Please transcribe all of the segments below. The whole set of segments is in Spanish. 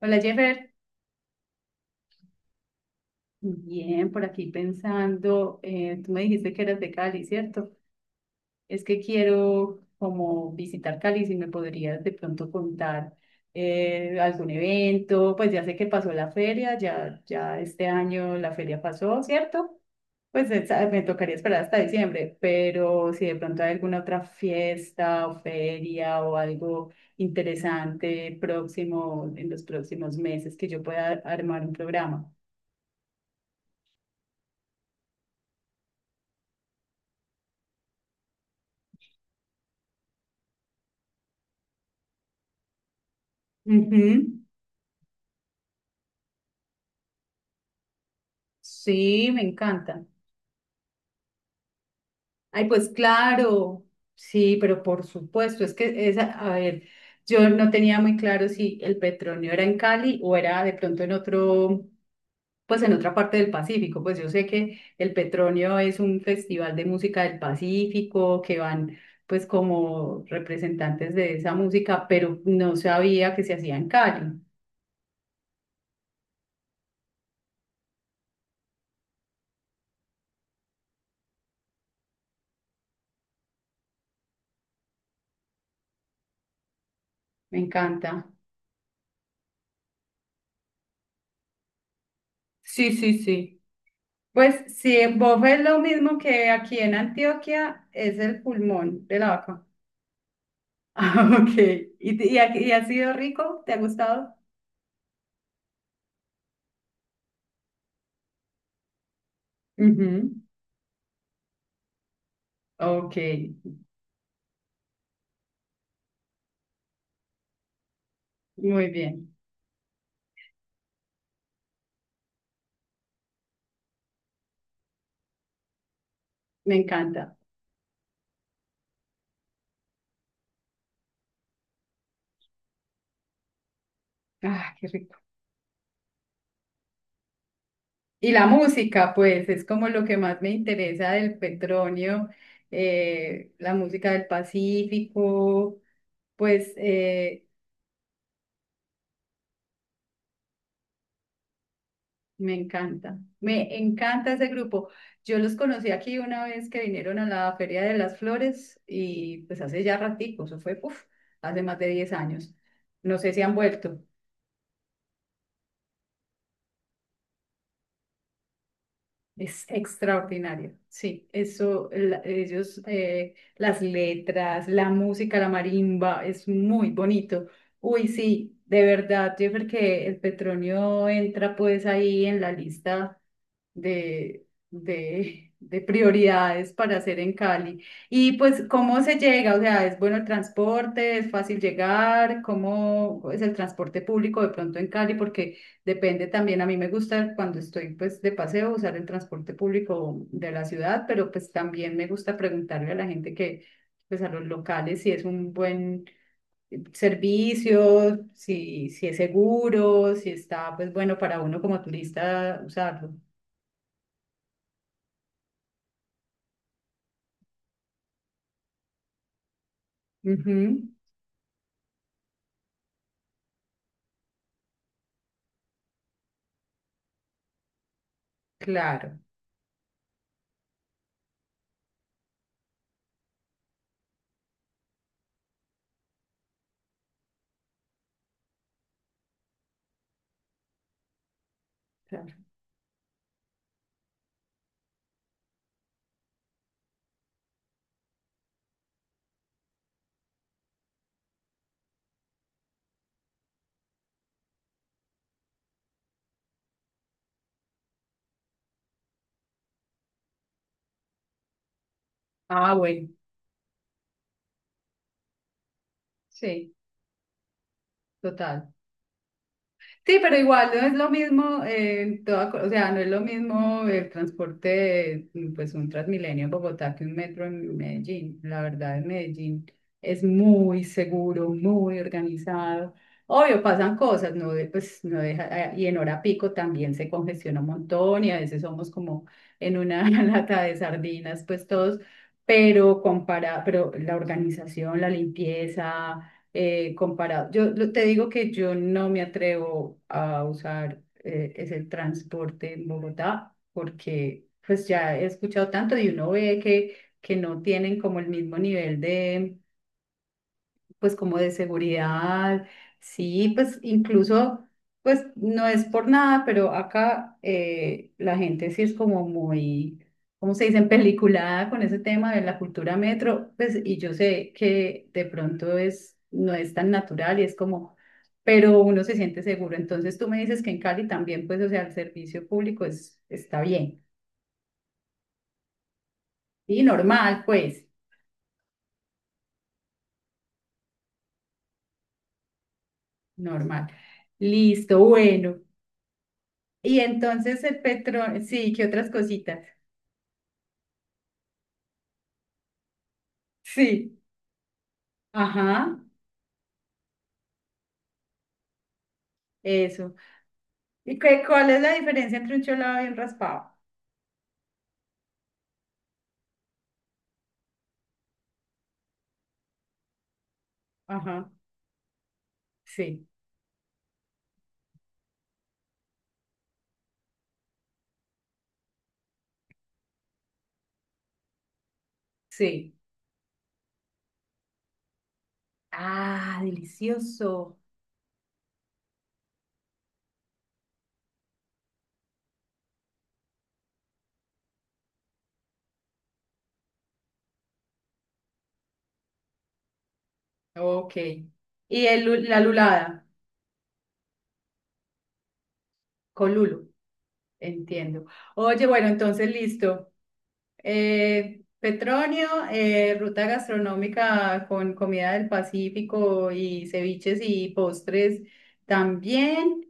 Hola Jeffer, bien, por aquí pensando, tú me dijiste que eras de Cali, ¿cierto? Es que quiero como visitar Cali, si me podrías de pronto contar algún evento, pues ya sé que pasó la feria, ya este año la feria pasó, ¿cierto? Pues esa- me tocaría esperar hasta diciembre, pero si de pronto hay alguna otra fiesta o feria o algo interesante próximo, en los próximos meses que yo pueda armar un programa. Ujú. Sí, me encanta. Ay, pues claro, sí, pero por supuesto, es que esa, a ver, yo no tenía muy claro si el petróleo era en Cali o era de pronto en otro, pues en otra parte del Pacífico. Pues yo sé que el Petronio es un festival de música del Pacífico, que van pues como representantes de esa música, pero no sabía que se hacía en Cali. Me encanta. Sí, sí, sí. Pues sí, en bofe es lo mismo que aquí en Antioquia, es el pulmón de la vaca. Ah, ok. Y ha sido rico? ¿Te ha gustado? Ujú. Ok, muy bien. Me encanta. Ah, qué rico. Y la música, pues, es como lo que más me interesa del Petronio, la música del Pacífico, pues, me encanta, me encanta ese grupo. Yo los conocí aquí una vez que vinieron a la Feria de las Flores y pues hace ya ratico, eso fue, puf, hace más de 10 años. No sé si han vuelto, es extraordinario. Sí, eso, la- ellos, las letras, la música, la marimba, es muy bonito. Uy, sí, de verdad, Jeffer, que el Petronio entra pues ahí en la lista de prioridades para hacer en Cali. Y pues, ¿cómo se llega? O sea, ¿es bueno el transporte? ¿Es fácil llegar? ¿Cómo es el transporte público de pronto en Cali? Porque depende también, a mí me gusta cuando estoy pues de paseo usar el transporte público de la ciudad, pero pues también me gusta preguntarle a la gente que, pues a los locales si es un buen servicio, si es seguro, si está pues bueno para uno como turista usarlo. Ujú, claro, claro. Ah, bueno, sí, total. Sí, pero igual no es lo mismo, en toda co- o sea, no es lo mismo el transporte, mm, pues un Transmilenio en Bogotá que un metro en Medellín. La verdad, en Medellín es muy seguro, muy organizado. Obvio, pasan cosas, no de- pues no deja, ah, y en hora pico también se congestiona un montón y a veces somos como en una lata de sardinas, pues todos, pero compara, pero la organización, la limpieza comparado. Yo lo- te digo que yo no me atrevo a usar ese transporte en Bogotá porque pues ya he escuchado tanto y uno ve que no tienen como el mismo nivel de pues como de seguridad, sí, pues incluso, pues no es por nada, pero acá la gente sí es como muy, ¿cómo se dice?, peliculada con ese tema de la cultura metro, pues y yo sé que de pronto es, no es tan natural y es como, pero uno se siente seguro. Entonces tú me dices que en Cali también, pues, o sea, el servicio público es, está bien, y normal, pues, normal. Listo, bueno. Y entonces el petróleo, sí, ¿qué otras cositas? Sí, ajá, eso. ¿Y qué, cuál es la diferencia entre un cholado y un raspado? Ajá, sí, sí. Ah, delicioso. Ok. Y el, lu- la lulada, con lulo, entiendo. Oye, bueno, entonces listo. Petronio, ruta gastronómica con comida del Pacífico y ceviches y postres también.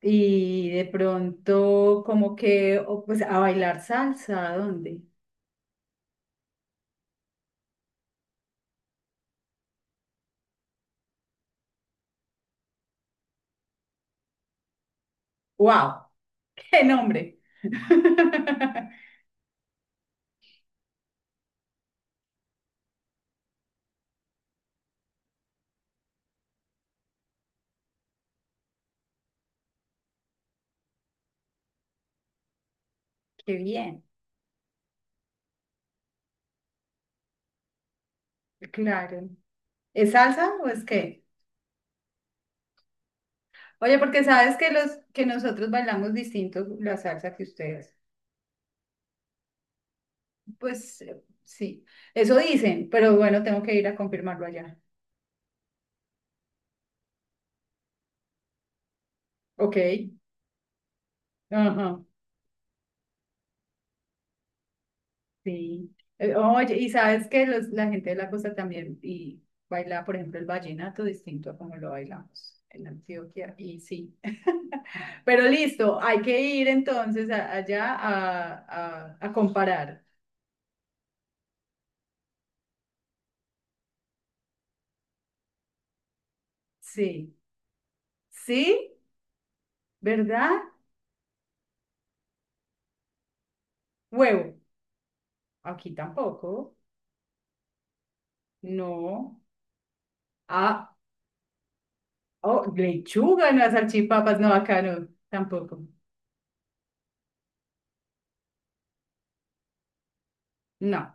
Y de pronto, como que, o, pues a bailar salsa, ¿a dónde? ¡Wow! ¡Qué nombre! ¡Qué bien! Claro. ¿Es salsa o es qué? Oye, porque sabes que los que nosotros bailamos distinto la salsa que ustedes. Pues sí, eso dicen, pero bueno, tengo que ir a confirmarlo allá. Ok. Ajá. Sí. Oye, y sabes que los, la gente de la costa también y baila, por ejemplo, el vallenato distinto a como lo bailamos en Antioquia. Y sí. Pero listo, hay que ir entonces a- allá a comparar. Sí. Sí, ¿verdad? Huevo. Aquí tampoco. No. Ah, oh, lechuga, no, a salchipapas, no, acá no, tampoco. No.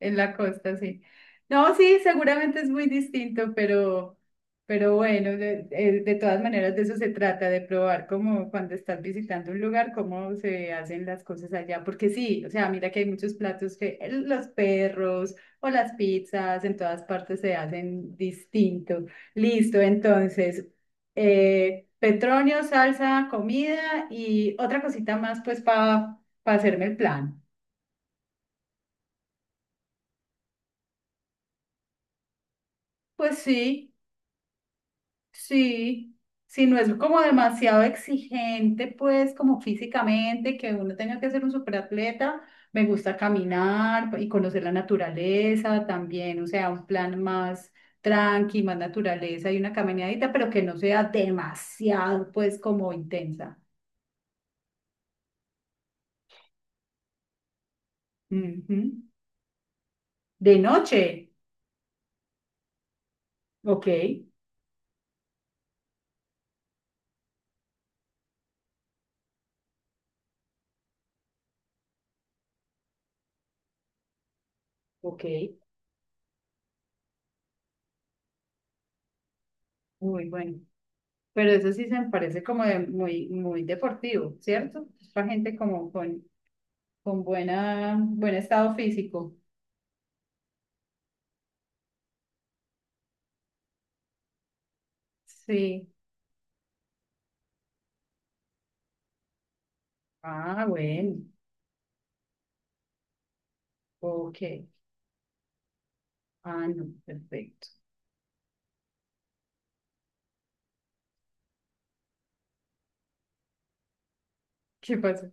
En la costa, sí. No, sí, seguramente es muy distinto, pero bueno, de todas maneras de eso se trata, de probar como cuando estás visitando un lugar, cómo se hacen las cosas allá. Porque sí, o sea, mira que hay muchos platos que el- los perros o las pizzas en todas partes se hacen distinto. Listo, entonces, Petronio, salsa, comida y otra cosita más, pues, para hacerme el plan. Pues sí. Sí, si no es como demasiado exigente, pues como físicamente, que uno tenga que ser un superatleta, me gusta caminar y conocer la naturaleza también, o sea, un plan más tranqui, más naturaleza y una caminadita, pero que no sea demasiado, pues como intensa. Ujú. De noche, ok, ok, muy bueno. Pero eso sí se me parece como de- muy, muy deportivo, ¿cierto? Para gente como con buena, buen estado físico. Sí. Ah, bueno. Ok. Ah, no, perfecto. ¿Qué pasa?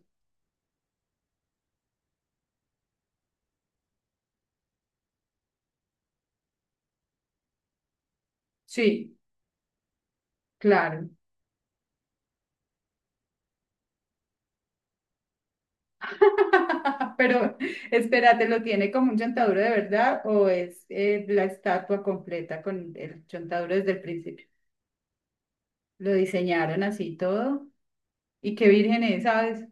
Sí, claro. Pero espérate, ¿lo tiene como un chontaduro de verdad o es la estatua completa con el chontaduro desde el principio? Lo diseñaron así y todo. ¿Y qué virgen es, sabes?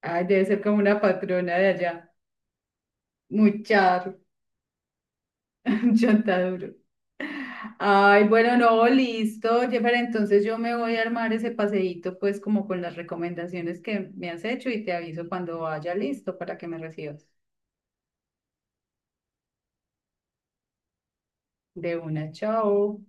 Ay, debe ser como una patrona de allá. Mucha chanta duro. Ay, bueno, no, listo, Jeffer, entonces yo me voy a armar ese paseíto pues como con las recomendaciones que me has hecho y te aviso cuando vaya listo para que me recibas. De una, chao.